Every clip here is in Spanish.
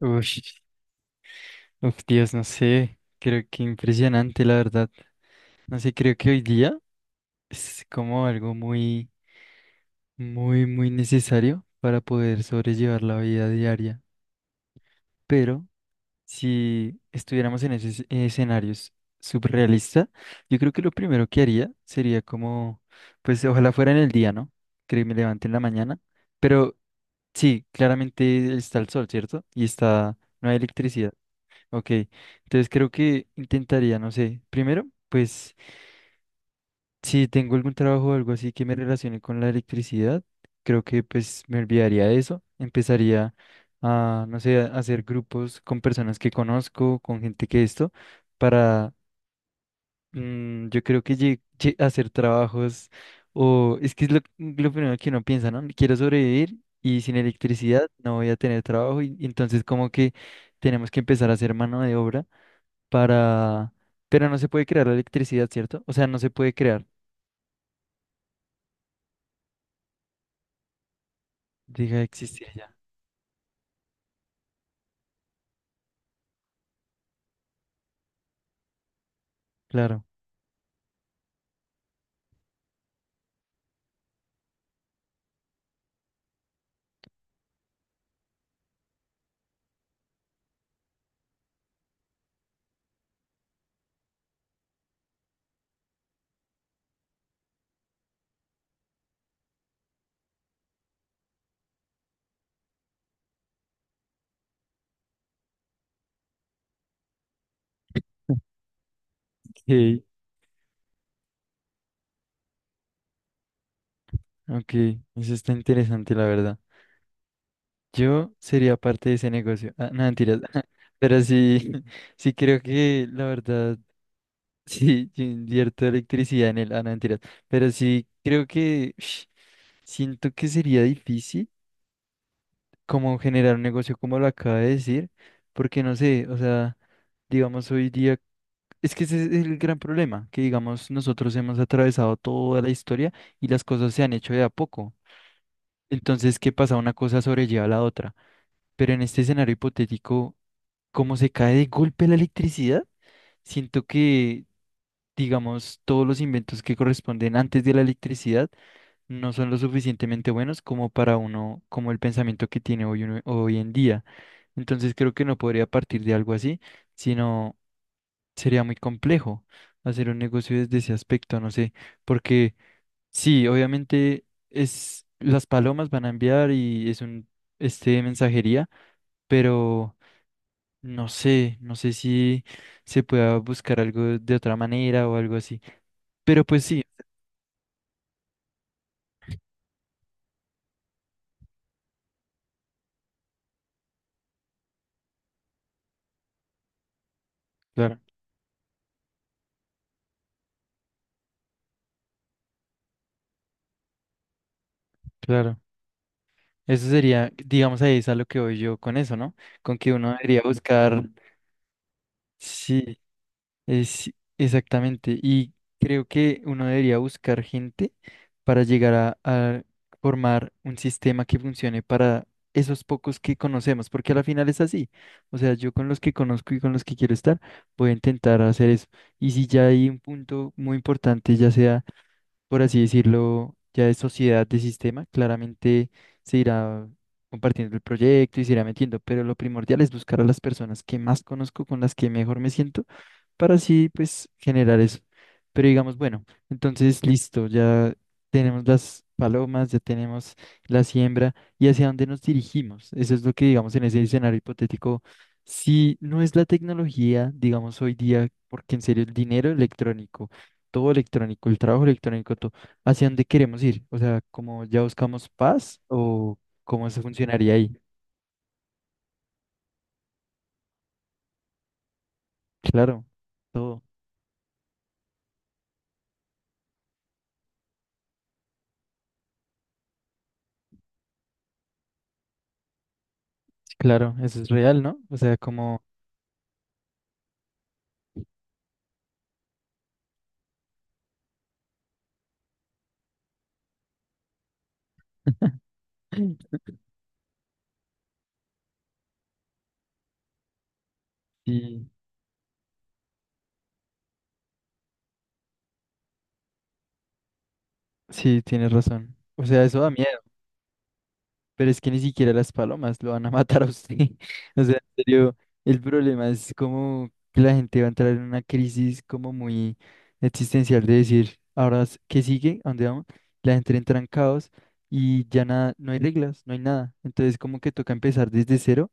Uy, uf, Dios, no sé, creo que impresionante, la verdad. No sé, creo que hoy día es como algo muy, muy, muy necesario para poder sobrellevar la vida diaria. Pero si estuviéramos en esos escenarios surrealista, yo creo que lo primero que haría sería como, pues ojalá fuera en el día, ¿no? Que me levante en la mañana. Pero sí, claramente está el sol, ¿cierto? Y está, no hay electricidad. Ok, entonces creo que intentaría, no sé, primero, pues si tengo algún trabajo o algo así que me relacione con la electricidad, creo que pues me olvidaría de eso, empezaría a, no sé, a hacer grupos con personas que conozco, con gente que esto, para, yo creo que hacer trabajos, o es que es lo primero que uno piensa, ¿no? Quiero sobrevivir y sin electricidad no voy a tener trabajo y entonces como que tenemos que empezar a hacer mano de obra para... Pero no se puede crear la electricidad, ¿cierto? O sea, no se puede crear. Deja de existir ya. Claro. Ok, ok. Eso está interesante, la verdad. Yo sería parte de ese negocio. Ah, no, mentiras. Pero sí, sí creo que, la verdad, sí, yo invierto electricidad en él. Ah, no, mentiras. Pero sí creo que, ush, siento que sería difícil como generar un negocio como lo acaba de decir, porque no sé, o sea, digamos hoy día. Es que ese es el gran problema, que digamos nosotros hemos atravesado toda la historia y las cosas se han hecho de a poco. Entonces, ¿qué pasa? Una cosa sobrelleva a la otra. Pero en este escenario hipotético, ¿cómo se cae de golpe la electricidad? Siento que, digamos, todos los inventos que corresponden antes de la electricidad no son lo suficientemente buenos como para uno, como el pensamiento que tiene hoy, hoy en día. Entonces, creo que no podría partir de algo así, sino sería muy complejo hacer un negocio desde ese aspecto, no sé, porque sí, obviamente es las palomas van a enviar y es un mensajería, pero no sé, no sé si se pueda buscar algo de otra manera o algo así. Pero pues sí, claro, claro. Eso sería, digamos, ahí es a lo que voy yo con eso, ¿no? Con que uno debería buscar, sí, es exactamente, y creo que uno debería buscar gente para llegar a formar un sistema que funcione para esos pocos que conocemos, porque a la final es así. O sea, yo con los que conozco y con los que quiero estar, voy a intentar hacer eso. Y si ya hay un punto muy importante, ya sea por así decirlo, ya de sociedad de sistema, claramente se irá compartiendo el proyecto y se irá metiendo, pero lo primordial es buscar a las personas que más conozco, con las que mejor me siento, para así pues generar eso. Pero digamos, bueno, entonces listo, ya tenemos las palomas, ya tenemos la siembra y hacia dónde nos dirigimos. Eso es lo que digamos en ese escenario hipotético. Si no es la tecnología, digamos hoy día, porque en serio el dinero electrónico todo electrónico, el trabajo electrónico, todo. ¿Hacia dónde queremos ir? O sea, ¿como ya buscamos paz o cómo se funcionaría ahí? Claro, todo. Claro, eso es real, ¿no? O sea, como... Sí, sí, tienes razón. O sea, eso da miedo. Pero es que ni siquiera las palomas lo van a matar a usted. O sea, en serio, el problema es como que la gente va a entrar en una crisis como muy existencial de decir, ahora, ¿qué sigue? ¿A dónde vamos? La gente entra en caos y ya nada, no hay reglas, no hay nada. Entonces, como que toca empezar desde cero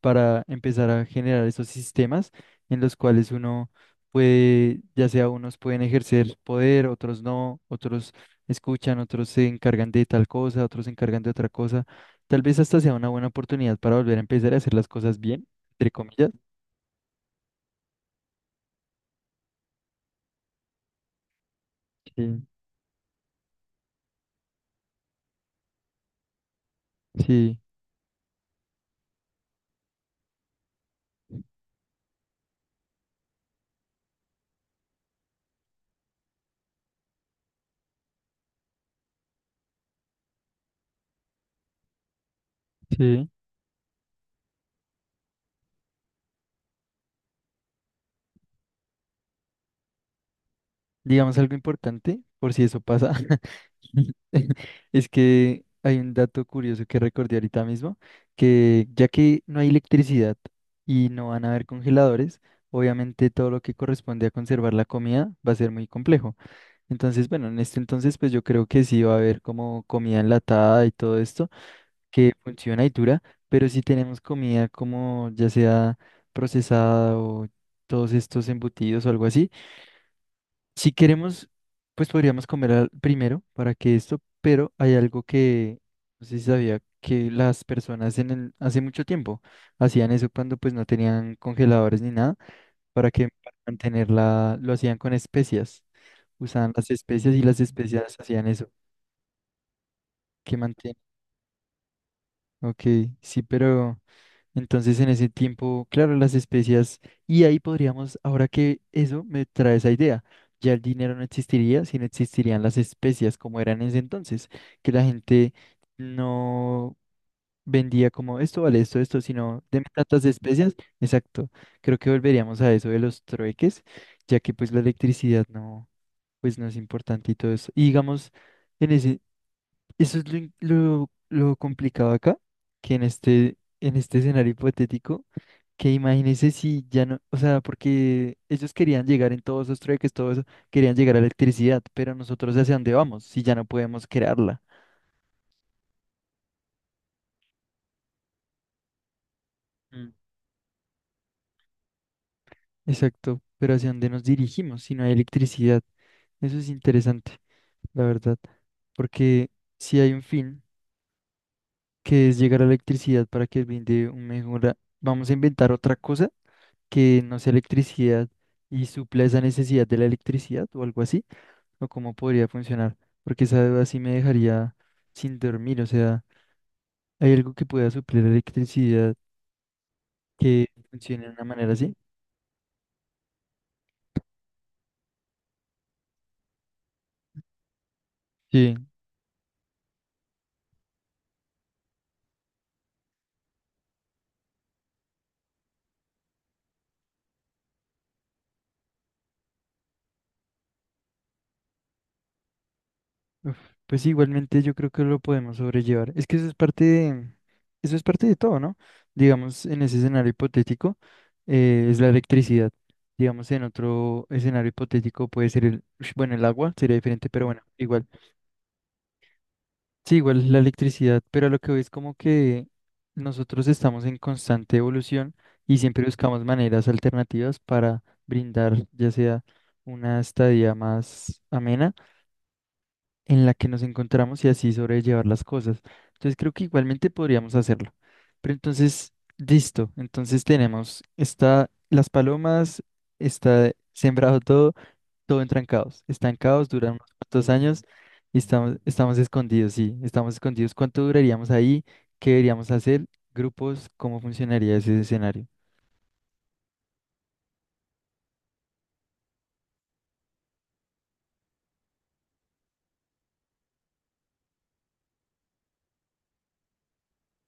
para empezar a generar esos sistemas en los cuales uno puede, ya sea unos pueden ejercer poder, otros no, otros escuchan, otros se encargan de tal cosa, otros se encargan de otra cosa. Tal vez hasta sea una buena oportunidad para volver a empezar a hacer las cosas bien, entre comillas. Sí, sí, sí. Digamos algo importante, por si eso pasa, es que hay un dato curioso que recordé ahorita mismo, que ya que no hay electricidad y no van a haber congeladores, obviamente todo lo que corresponde a conservar la comida va a ser muy complejo. Entonces, bueno, en este entonces, pues yo creo que sí va a haber como comida enlatada y todo esto que funciona y dura, pero si tenemos comida como ya sea procesada o todos estos embutidos o algo así si queremos, pues podríamos comer primero para que esto, pero hay algo que no sé si sabía que las personas en el, hace mucho tiempo hacían eso cuando pues no tenían congeladores ni nada, para que para mantenerla, lo hacían con especias, usaban las especias y las especias hacían eso, que mantiene. Ok, sí, pero entonces, en ese tiempo, claro, las especias, y ahí podríamos, ahora que eso me trae esa idea, ya el dinero no existiría, sino existirían las especias como eran en ese entonces, que la gente no vendía como esto vale esto, esto, sino deme tantas especias. Exacto, creo que volveríamos a eso de los trueques, ya que pues la electricidad no, pues no es importante y todo eso. Y digamos, en ese, eso es lo, lo complicado acá, que en este escenario hipotético. Que imagínese si ya no, o sea, porque ellos querían llegar en todos esos trueques, todo eso, querían llegar a la electricidad, pero nosotros hacia dónde vamos si ya no podemos crearla. Mm. Exacto, pero hacia dónde nos dirigimos si no hay electricidad. Eso es interesante, la verdad, porque si hay un fin que es llegar a la electricidad para que brinde un mejora, vamos a inventar otra cosa que no sea electricidad y supla esa necesidad de la electricidad o algo así. O cómo podría funcionar, porque esa duda sí me dejaría sin dormir, o sea, ¿hay algo que pueda suplir la electricidad que funcione de una manera así? Sí, uf, pues igualmente yo creo que lo podemos sobrellevar. Es que eso es parte de, eso es parte de todo, ¿no? Digamos, en ese escenario hipotético es la electricidad. Digamos, en otro escenario hipotético puede ser el, ush, bueno, el agua sería diferente, pero bueno, igual. Sí, igual la electricidad, pero a lo que voy es como que nosotros estamos en constante evolución y siempre buscamos maneras alternativas para brindar ya sea una estadía más amena en la que nos encontramos y así sobrellevar las cosas. Entonces creo que igualmente podríamos hacerlo. Pero entonces, listo, entonces tenemos, está las palomas, está sembrado todo, todo entra en caos. Está en caos, duran unos cuantos años y estamos escondidos, sí, estamos escondidos. ¿Cuánto duraríamos ahí? ¿Qué deberíamos hacer? ¿Grupos? ¿Cómo funcionaría ese escenario?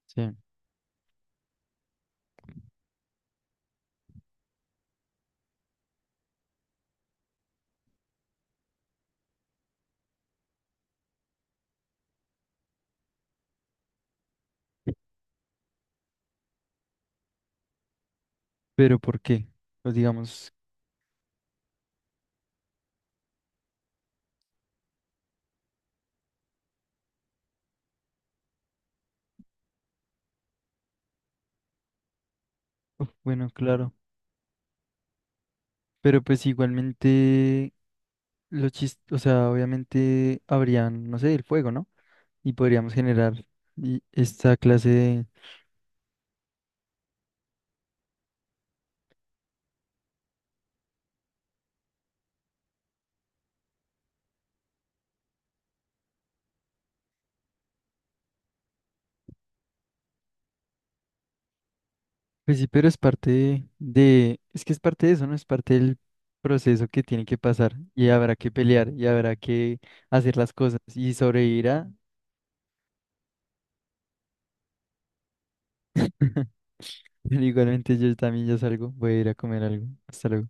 Sí. Pero ¿por qué? Pues digamos, uf, bueno, claro. Pero pues igualmente, o sea, obviamente habrían, no sé, el fuego, ¿no? Y podríamos generar esta clase de Pues sí, pero es parte de, es que es parte de eso, ¿no? Es parte del proceso que tiene que pasar y habrá que pelear y habrá que hacer las cosas y sobrevivirá. Pero igualmente yo también ya salgo, voy a ir a comer algo. Hasta luego.